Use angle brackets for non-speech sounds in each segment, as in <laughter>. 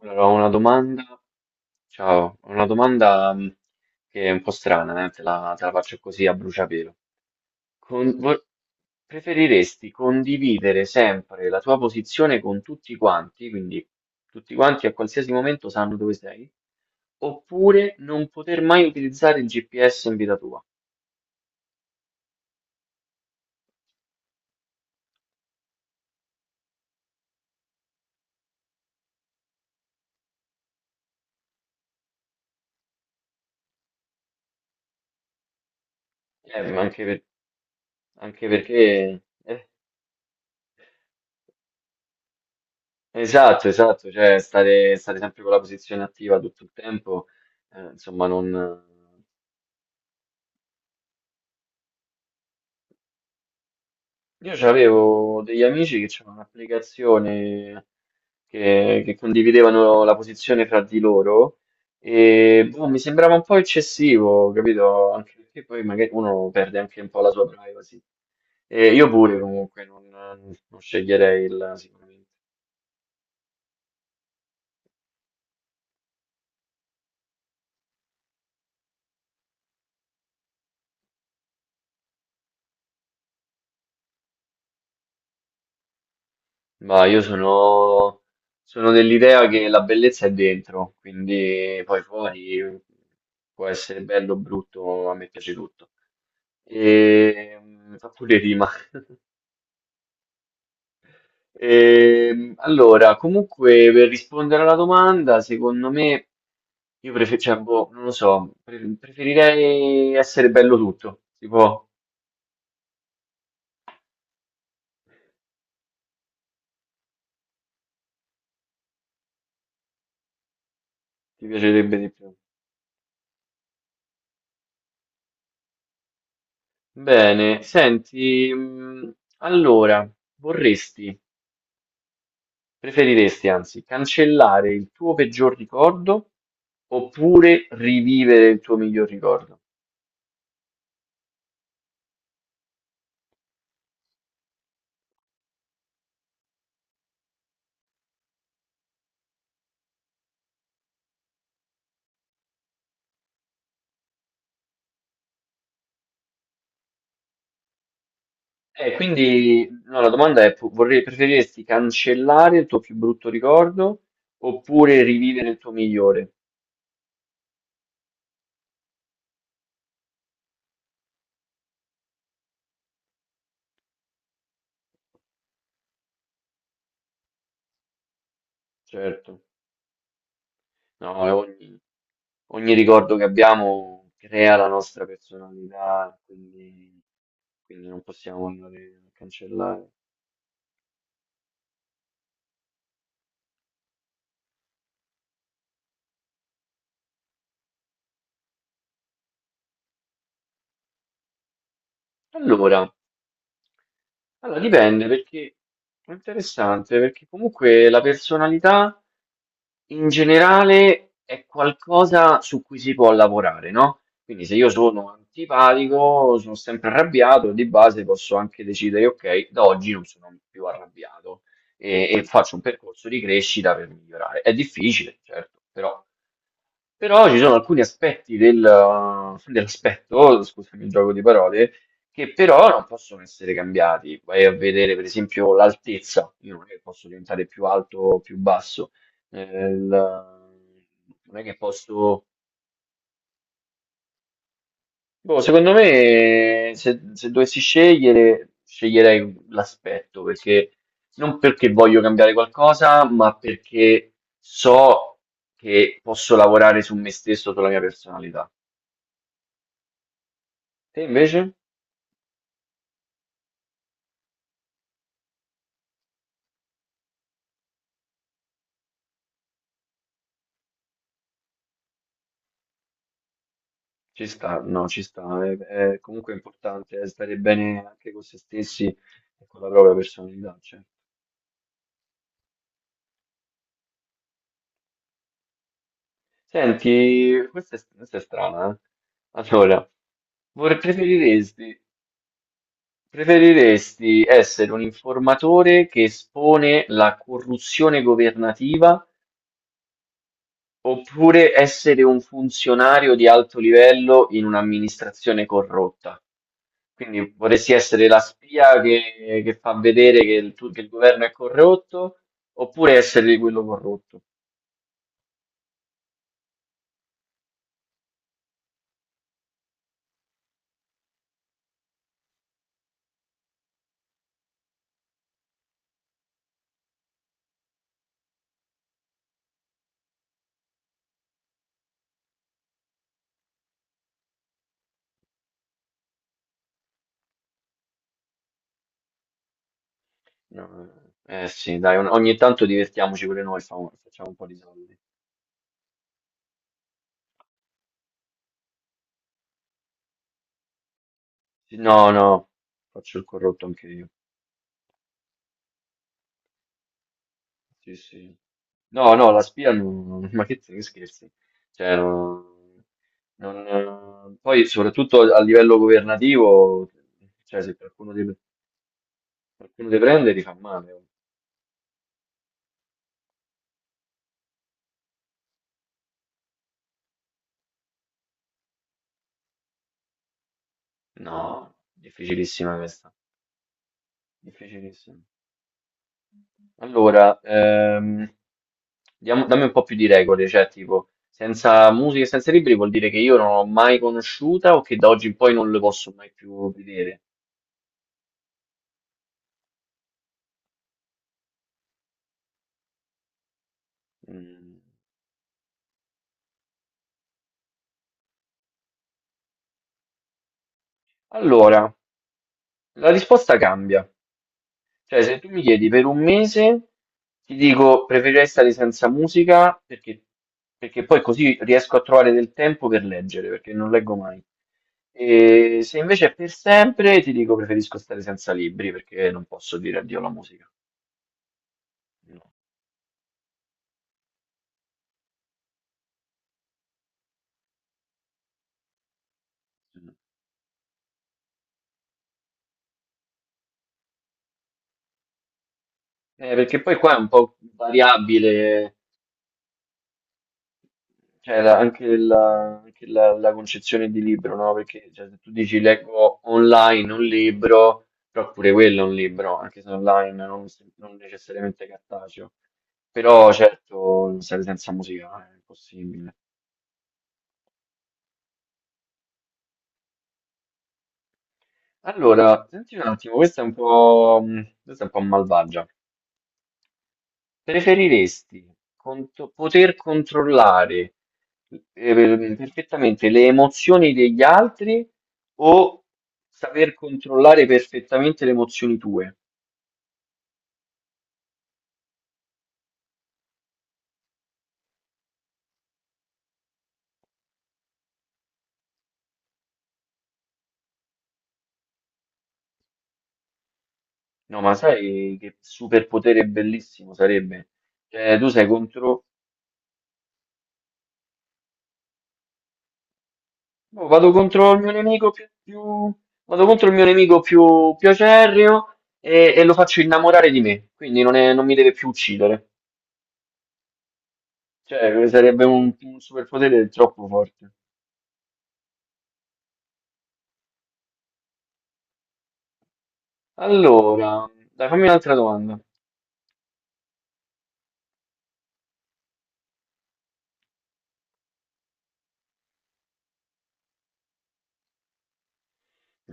Allora, ho una domanda, ciao, ho una domanda che è un po' strana, eh. Te la faccio così a bruciapelo. Con- vo- Preferiresti condividere sempre la tua posizione con tutti quanti, quindi tutti quanti a qualsiasi momento sanno dove sei, oppure non poter mai utilizzare il GPS in vita tua? Ma anche, anche perché... esatto, esatto, cioè stare sempre con la posizione attiva tutto il tempo, insomma, non... Io c'avevo degli amici che c'erano un'applicazione che condividevano la posizione fra di loro e boh, mi sembrava un po' eccessivo, capito? Anche perché poi magari uno perde anche un po' la sua privacy. E io pure comunque non, non sceglierei il sicuramente. Ma sono dell'idea che la bellezza è dentro, quindi poi fuori può essere bello o brutto, a me piace tutto. E fa pure rima. Allora, comunque, per rispondere alla domanda, secondo me, cioè, boh, non lo so, preferirei essere bello tutto, si può, ti piacerebbe di più. Bene, senti, allora, vorresti, preferiresti anzi, cancellare il tuo peggior ricordo oppure rivivere il tuo miglior ricordo? Quindi no, la domanda è, preferiresti cancellare il tuo più brutto ricordo oppure rivivere il tuo migliore? Certo, no, ogni ricordo che abbiamo crea la nostra personalità, quindi non possiamo andare a cancellare. Allora, allora, dipende perché è interessante, perché comunque la personalità in generale è qualcosa su cui si può lavorare, no? Quindi se io sono antipatico, sono sempre arrabbiato, di base posso anche decidere, ok, da oggi non sono più arrabbiato e faccio un percorso di crescita per migliorare. È difficile, certo, però ci sono alcuni aspetti dell'aspetto, scusami il gioco di parole, che però non possono essere cambiati. Vai a vedere, per esempio, l'altezza. Io non è che posso diventare più alto o più basso. Eh, la- Non è che posso. Boh, secondo me, se dovessi scegliere, sceglierei l'aspetto perché non perché voglio cambiare qualcosa, ma perché so che posso lavorare su me stesso, sulla mia personalità. Te invece? Ci sta, no, ci sta. È comunque importante, stare bene anche con se stessi e con la propria personalità, cioè. Senti, questa è strana, eh? Allora, vorre- preferiresti, preferiresti essere un informatore che espone la corruzione governativa oppure essere un funzionario di alto livello in un'amministrazione corrotta? Quindi vorresti essere la spia che fa vedere che che il governo è corrotto, oppure essere quello corrotto? No, eh sì, dai, ogni tanto divertiamoci pure noi, facciamo un po' di soldi. Sì, no, no, faccio il corrotto anche io. Sì, sì. No, no, la spia non... <laughs> Ma che scherzi? Cioè, poi, soprattutto a livello governativo, cioè, se qualcuno ti prende, ti fa male. No, difficilissima questa. Difficilissimo. Allora, dammi un po' più di regole, cioè tipo, senza musica e senza libri vuol dire che io non l'ho mai conosciuta o che da oggi in poi non le posso mai più vedere. Mm. Allora, la risposta cambia. Cioè, se tu mi chiedi per un mese, ti dico preferirei stare senza musica perché poi così riesco a trovare del tempo per leggere, perché non leggo mai. E se invece è per sempre, ti dico preferisco stare senza libri perché non posso dire addio alla musica. No. Perché poi qua è un po' variabile. Cioè, anche anche la concezione di libro, no? Perché cioè, se tu dici leggo online un libro, però pure quello è un libro, anche se online, non, non necessariamente cartaceo. Però certo, non serve, senza musica, è impossibile. Allora, senti un attimo, questa è un po', questa è un po' malvagia. Preferiresti poter controllare, perfettamente le emozioni degli altri o saper controllare perfettamente le emozioni tue? No, ma sai che superpotere bellissimo sarebbe? Cioè, tu sei contro... No, vado contro il mio nemico vado contro il mio nemico più, più acerrimo e lo faccio innamorare di me, quindi non, non mi deve più uccidere. Cioè, sarebbe un superpotere troppo forte. Allora, dai, fammi un'altra domanda.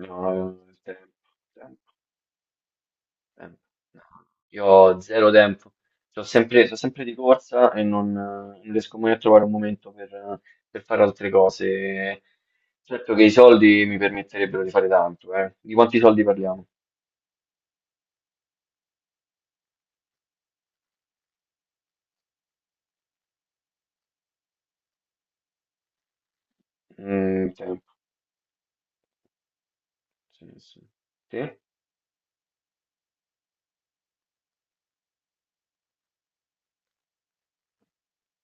No, no, no, tempo, tempo, tempo. No, io ho zero tempo. Sono sempre di corsa e non, non riesco mai a trovare un momento per fare altre cose. Certo che i soldi mi permetterebbero di fare tanto, eh. Di quanti soldi parliamo? Mm, tempo. Sì, sì. Sì?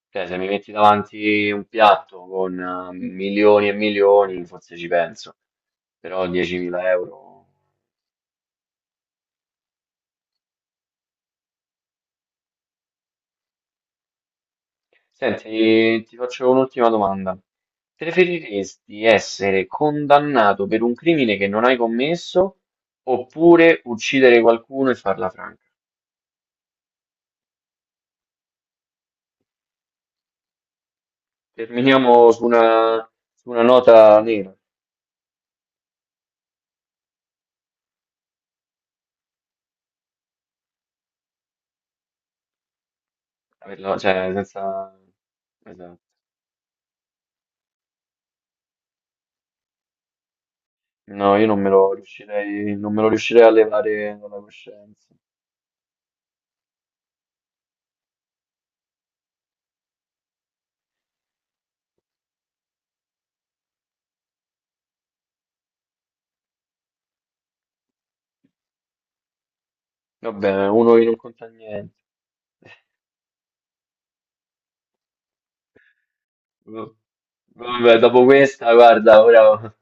Cioè, se mi metti davanti un piatto con, milioni e milioni, forse ci penso. Però 10.000 euro. Senti, ti faccio un'ultima domanda. Preferiresti essere condannato per un crimine che non hai commesso oppure uccidere qualcuno e farla franca? Terminiamo su una nota nera, cioè senza... Esatto. No, io non me lo riuscirei, non me lo riuscirei a levare dalla coscienza. Vabbè, uno che non conta niente. Vabbè, dopo questa, guarda, ora...